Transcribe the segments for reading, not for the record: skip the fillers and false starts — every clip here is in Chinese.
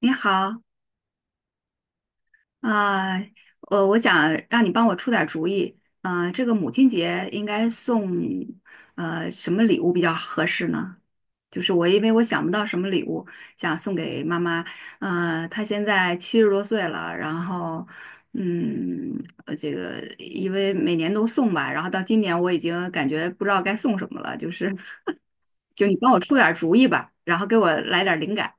你好，啊、我想让你帮我出点主意，啊，这个母亲节应该送什么礼物比较合适呢？就是我因为想不到什么礼物想送给妈妈，她现在七十多岁了，然后嗯，这个因为每年都送吧，然后到今年我已经感觉不知道该送什么了，就是 就你帮我出点主意吧，然后给我来点灵感。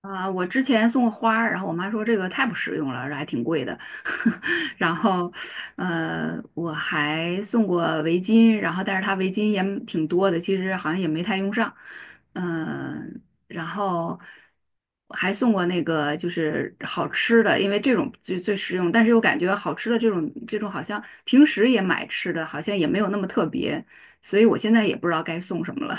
啊，我之前送过花儿，然后我妈说这个太不实用了，这还挺贵的。然后，我还送过围巾，然后但是它围巾也挺多的，其实好像也没太用上。嗯、然后还送过那个就是好吃的，因为这种最最实用，但是又感觉好吃的这种好像平时也买吃的，好像也没有那么特别，所以我现在也不知道该送什么了。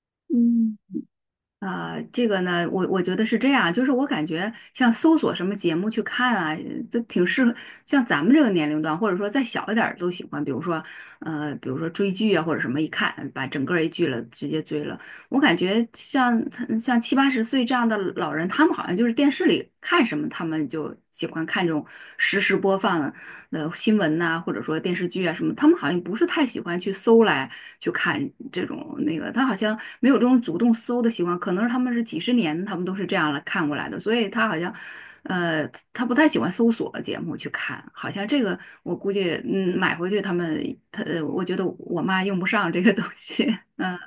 嗯。啊，这个呢，我觉得是这样，就是我感觉像搜索什么节目去看啊，这挺适合像咱们这个年龄段，或者说再小一点儿都喜欢，比如说，呃，比如说追剧啊，或者什么，一看把整个儿一剧了直接追了。我感觉像七八十岁这样的老人，他们好像就是电视里看什么，他们就喜欢看这种实时播放，呃新闻呐、或者说电视剧啊什么，他们好像不是太喜欢去搜来去看这种那个，他好像没有这种主动搜的习惯，可能是他们是几十年他们都是这样来看过来的，所以他好像。呃，他不太喜欢搜索节目去看，好像这个我估计，嗯，买回去他们，他，呃我觉得我妈用不上这个东西，嗯，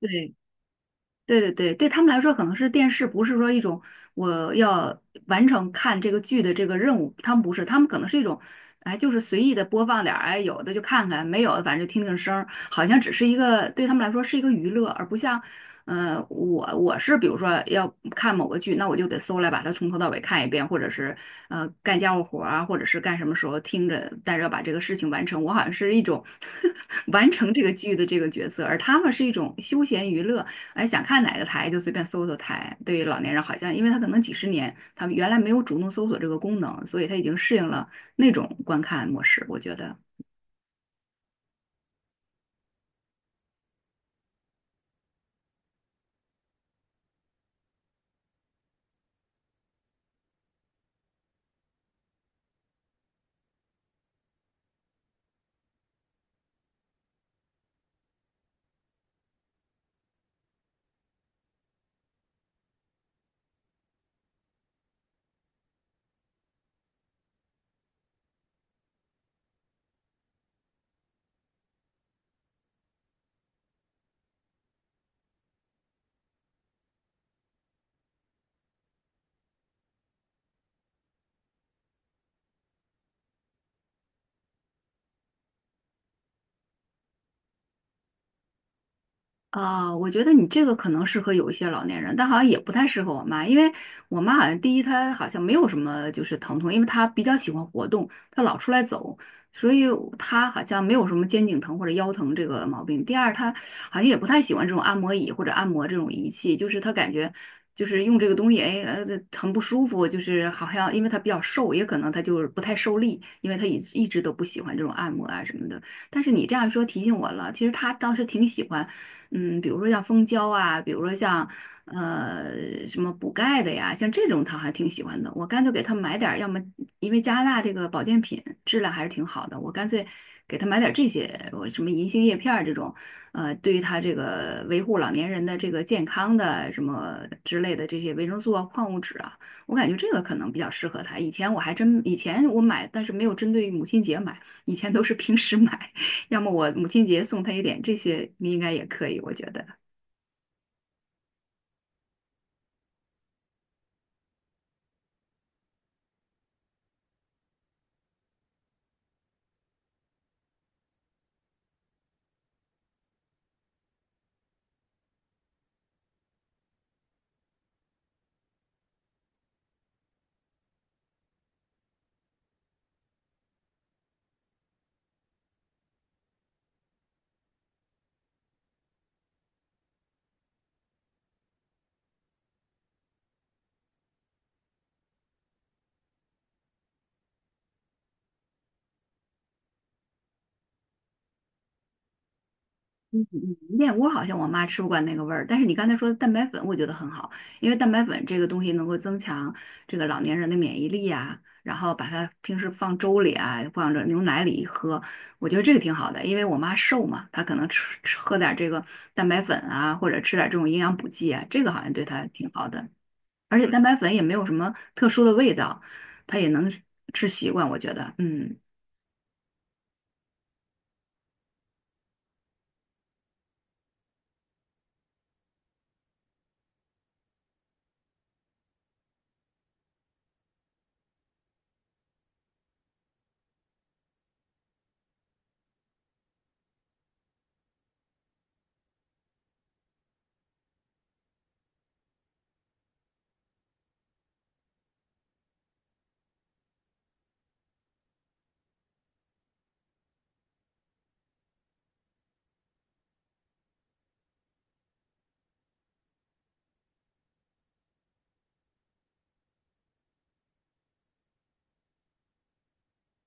对。对对对，对他们来说可能是电视，不是说一种我要完成看这个剧的这个任务，他们不是，他们可能是一种，哎，就是随意的播放点儿，哎，有的就看看，没有的反正就听听声儿，好像只是一个对他们来说是一个娱乐，而不像，呃，我是比如说要看某个剧，那我就得搜来把它从头到尾看一遍，或者是呃干家务活儿啊，或者是干什么时候听着，但是要把这个事情完成，我好像是一种 完成这个剧的这个角色，而他们是一种休闲娱乐。哎，想看哪个台就随便搜搜台。对于老年人，好像因为他可能几十年，他们原来没有主动搜索这个功能，所以他已经适应了那种观看模式。我觉得，啊，我觉得你这个可能适合有一些老年人，但好像也不太适合我妈，因为我妈好像第一她好像没有什么就是疼痛，因为她比较喜欢活动，她老出来走，所以她好像没有什么肩颈疼或者腰疼这个毛病。第二，她好像也不太喜欢这种按摩椅或者按摩这种仪器，就是她感觉就是用这个东西，哎，呃，这很不舒服，就是好像因为她比较瘦，也可能她就是不太受力，因为她一直都不喜欢这种按摩啊什么的。但是你这样说提醒我了，其实她当时挺喜欢。嗯，比如说像蜂胶啊，比如说像什么补钙的呀，像这种他还挺喜欢的。我干脆给他买点儿，要么因为加拿大这个保健品质量还是挺好的，我干脆给他买点儿这些，我什么银杏叶片儿这种，呃，对于他这个维护老年人的这个健康的什么之类的这些维生素啊、矿物质啊，我感觉这个可能比较适合他。以前我还真，以前我买，但是没有针对母亲节买，以前都是平时买。要么我母亲节送她一点这些，你应该也可以，我觉得。燕窝好像我妈吃不惯那个味儿，但是你刚才说的蛋白粉，我觉得很好，因为蛋白粉这个东西能够增强这个老年人的免疫力啊，然后把它平时放粥里啊，放着牛奶里喝，我觉得这个挺好的，因为我妈瘦嘛，她可能吃吃喝点这个蛋白粉啊，或者吃点这种营养补剂啊，这个好像对她挺好的，而且蛋白粉也没有什么特殊的味道，她也能吃习惯，我觉得，嗯。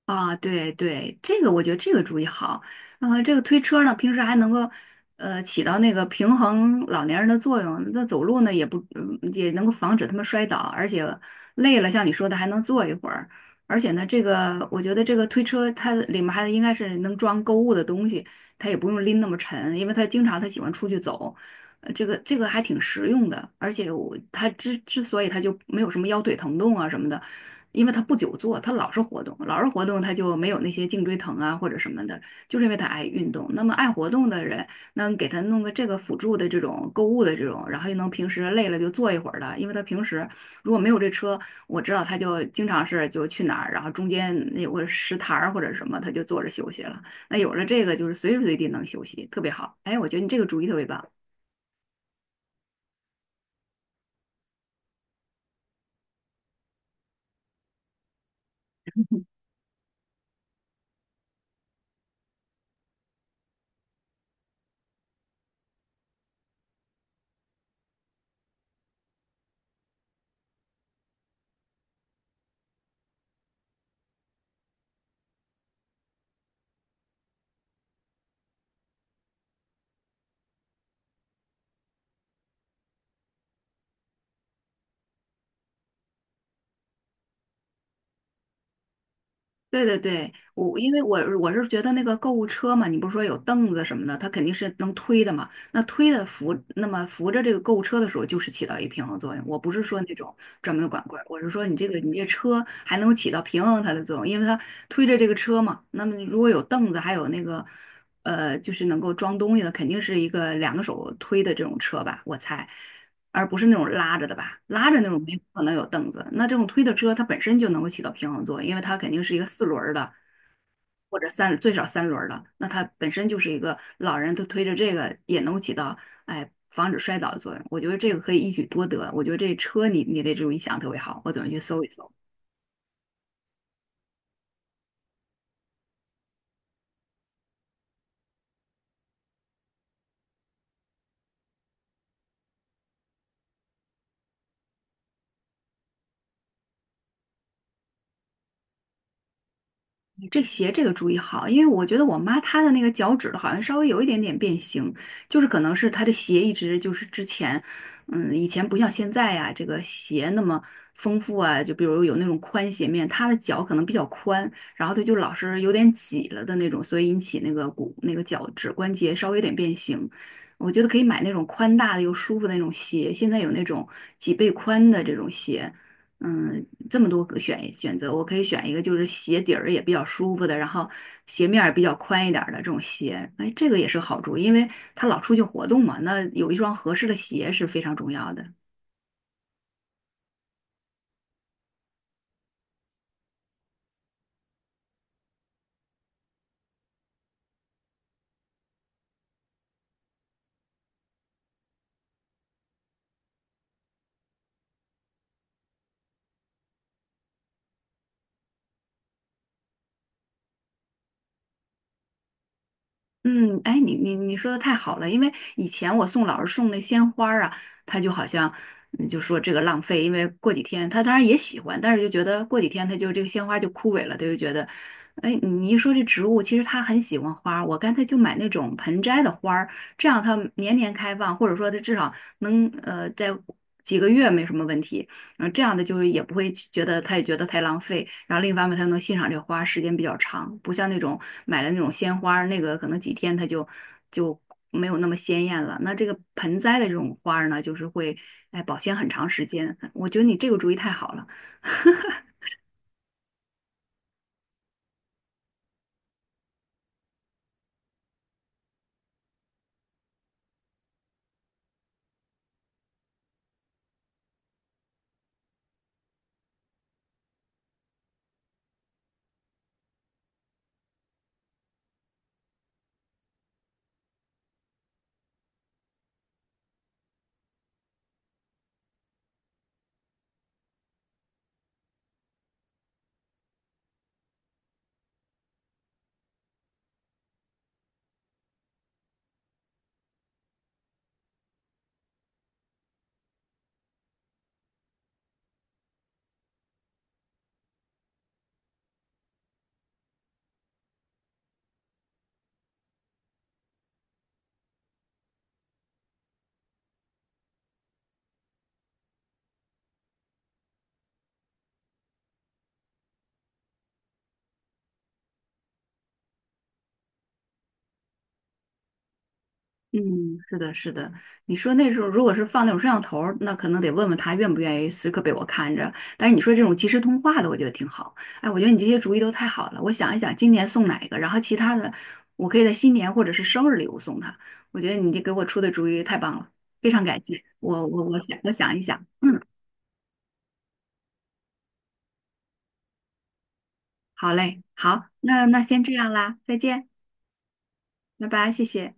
啊，对对，这个我觉得这个主意好。呃，这个推车呢，平时还能够起到那个平衡老年人的作用。那走路呢，也不嗯也能够防止他们摔倒，而且累了，像你说的还能坐一会儿。而且呢，这个我觉得这个推车它里面还应该是能装购物的东西，它也不用拎那么沉，因为他经常他喜欢出去走。这个还挺实用的，而且我他之所以他就没有什么腰腿疼痛啊什么的。因为他不久坐，他老是活动，老是活动，他就没有那些颈椎疼啊或者什么的，就是因为他爱运动。那么爱活动的人，那给他弄个这个辅助的这种购物的这种，然后又能平时累了就坐一会儿的，因为他平时如果没有这车，我知道他就经常是就去哪儿，然后中间有个石台儿或者什么，他就坐着休息了。那有了这个，就是随时随地能休息，特别好。哎，我觉得你这个主意特别棒。对对对，我因为我是觉得那个购物车嘛，你不是说有凳子什么的，它肯定是能推的嘛。那推的扶，那么扶着这个购物车的时候，就是起到一个平衡作用。我不是说那种专门的管棍儿，我是说你这个你这车还能起到平衡它的作用，因为它推着这个车嘛。那么如果有凳子，还有那个就是能够装东西的，肯定是一个两个手推的这种车吧，我猜。而不是那种拉着的吧，拉着那种没可能有凳子。那这种推的车，它本身就能够起到平衡作用，因为它肯定是一个四轮儿的或者最少三轮儿的，那它本身就是一个老人，他推着这个也能够起到哎防止摔倒的作用。我觉得这个可以一举多得。我觉得这车你的这种意向特别好，我准备去搜一搜。你这鞋这个注意好，因为我觉得我妈她的那个脚趾头好像稍微有一点点变形，就是可能是她的鞋一直就是之前，嗯，以前不像现在呀、这个鞋那么丰富啊，就比如有那种宽鞋面，她的脚可能比较宽，然后她就老是有点挤了的那种，所以引起那个骨那个脚趾关节稍微有点变形。我觉得可以买那种宽大的又舒服的那种鞋，现在有那种几倍宽的这种鞋。嗯，这么多个选择，我可以选一个就是鞋底儿也比较舒服的，然后鞋面儿比较宽一点儿的这种鞋。哎，这个也是好处，因为他老出去活动嘛，那有一双合适的鞋是非常重要的。嗯，哎，你说的太好了，因为以前我送老师送那鲜花儿啊，他就好像嗯就说这个浪费，因为过几天他当然也喜欢，但是就觉得过几天他就这个鲜花就枯萎了，他就觉得，哎，你一说这植物，其实他很喜欢花儿我干脆就买那种盆栽的花儿，这样它年年开放，或者说它至少能在几个月没什么问题。然后这样的就是也不会觉得他也觉得太浪费，然后另一方面他又能欣赏这个花时间比较长，不像那种买了那种鲜花儿那个可能几天它就没有那么鲜艳了。那这个盆栽的这种花儿呢，就是会哎保鲜很长时间，我觉得你这个主意太好了。嗯，是的，是的。你说那时候如果是放那种摄像头儿那可能得问问他愿不愿意时刻被我看着。但是你说这种即时通话的，我觉得挺好。哎，我觉得你这些主意都太好了。我想一想，今年送哪一个，然后其他的，我可以在新年或者是生日礼物送他。我觉得你这给我出的主意太棒了，非常感谢。我想想一想，嗯，好嘞，好，那那先这样啦，再见，拜拜，谢谢。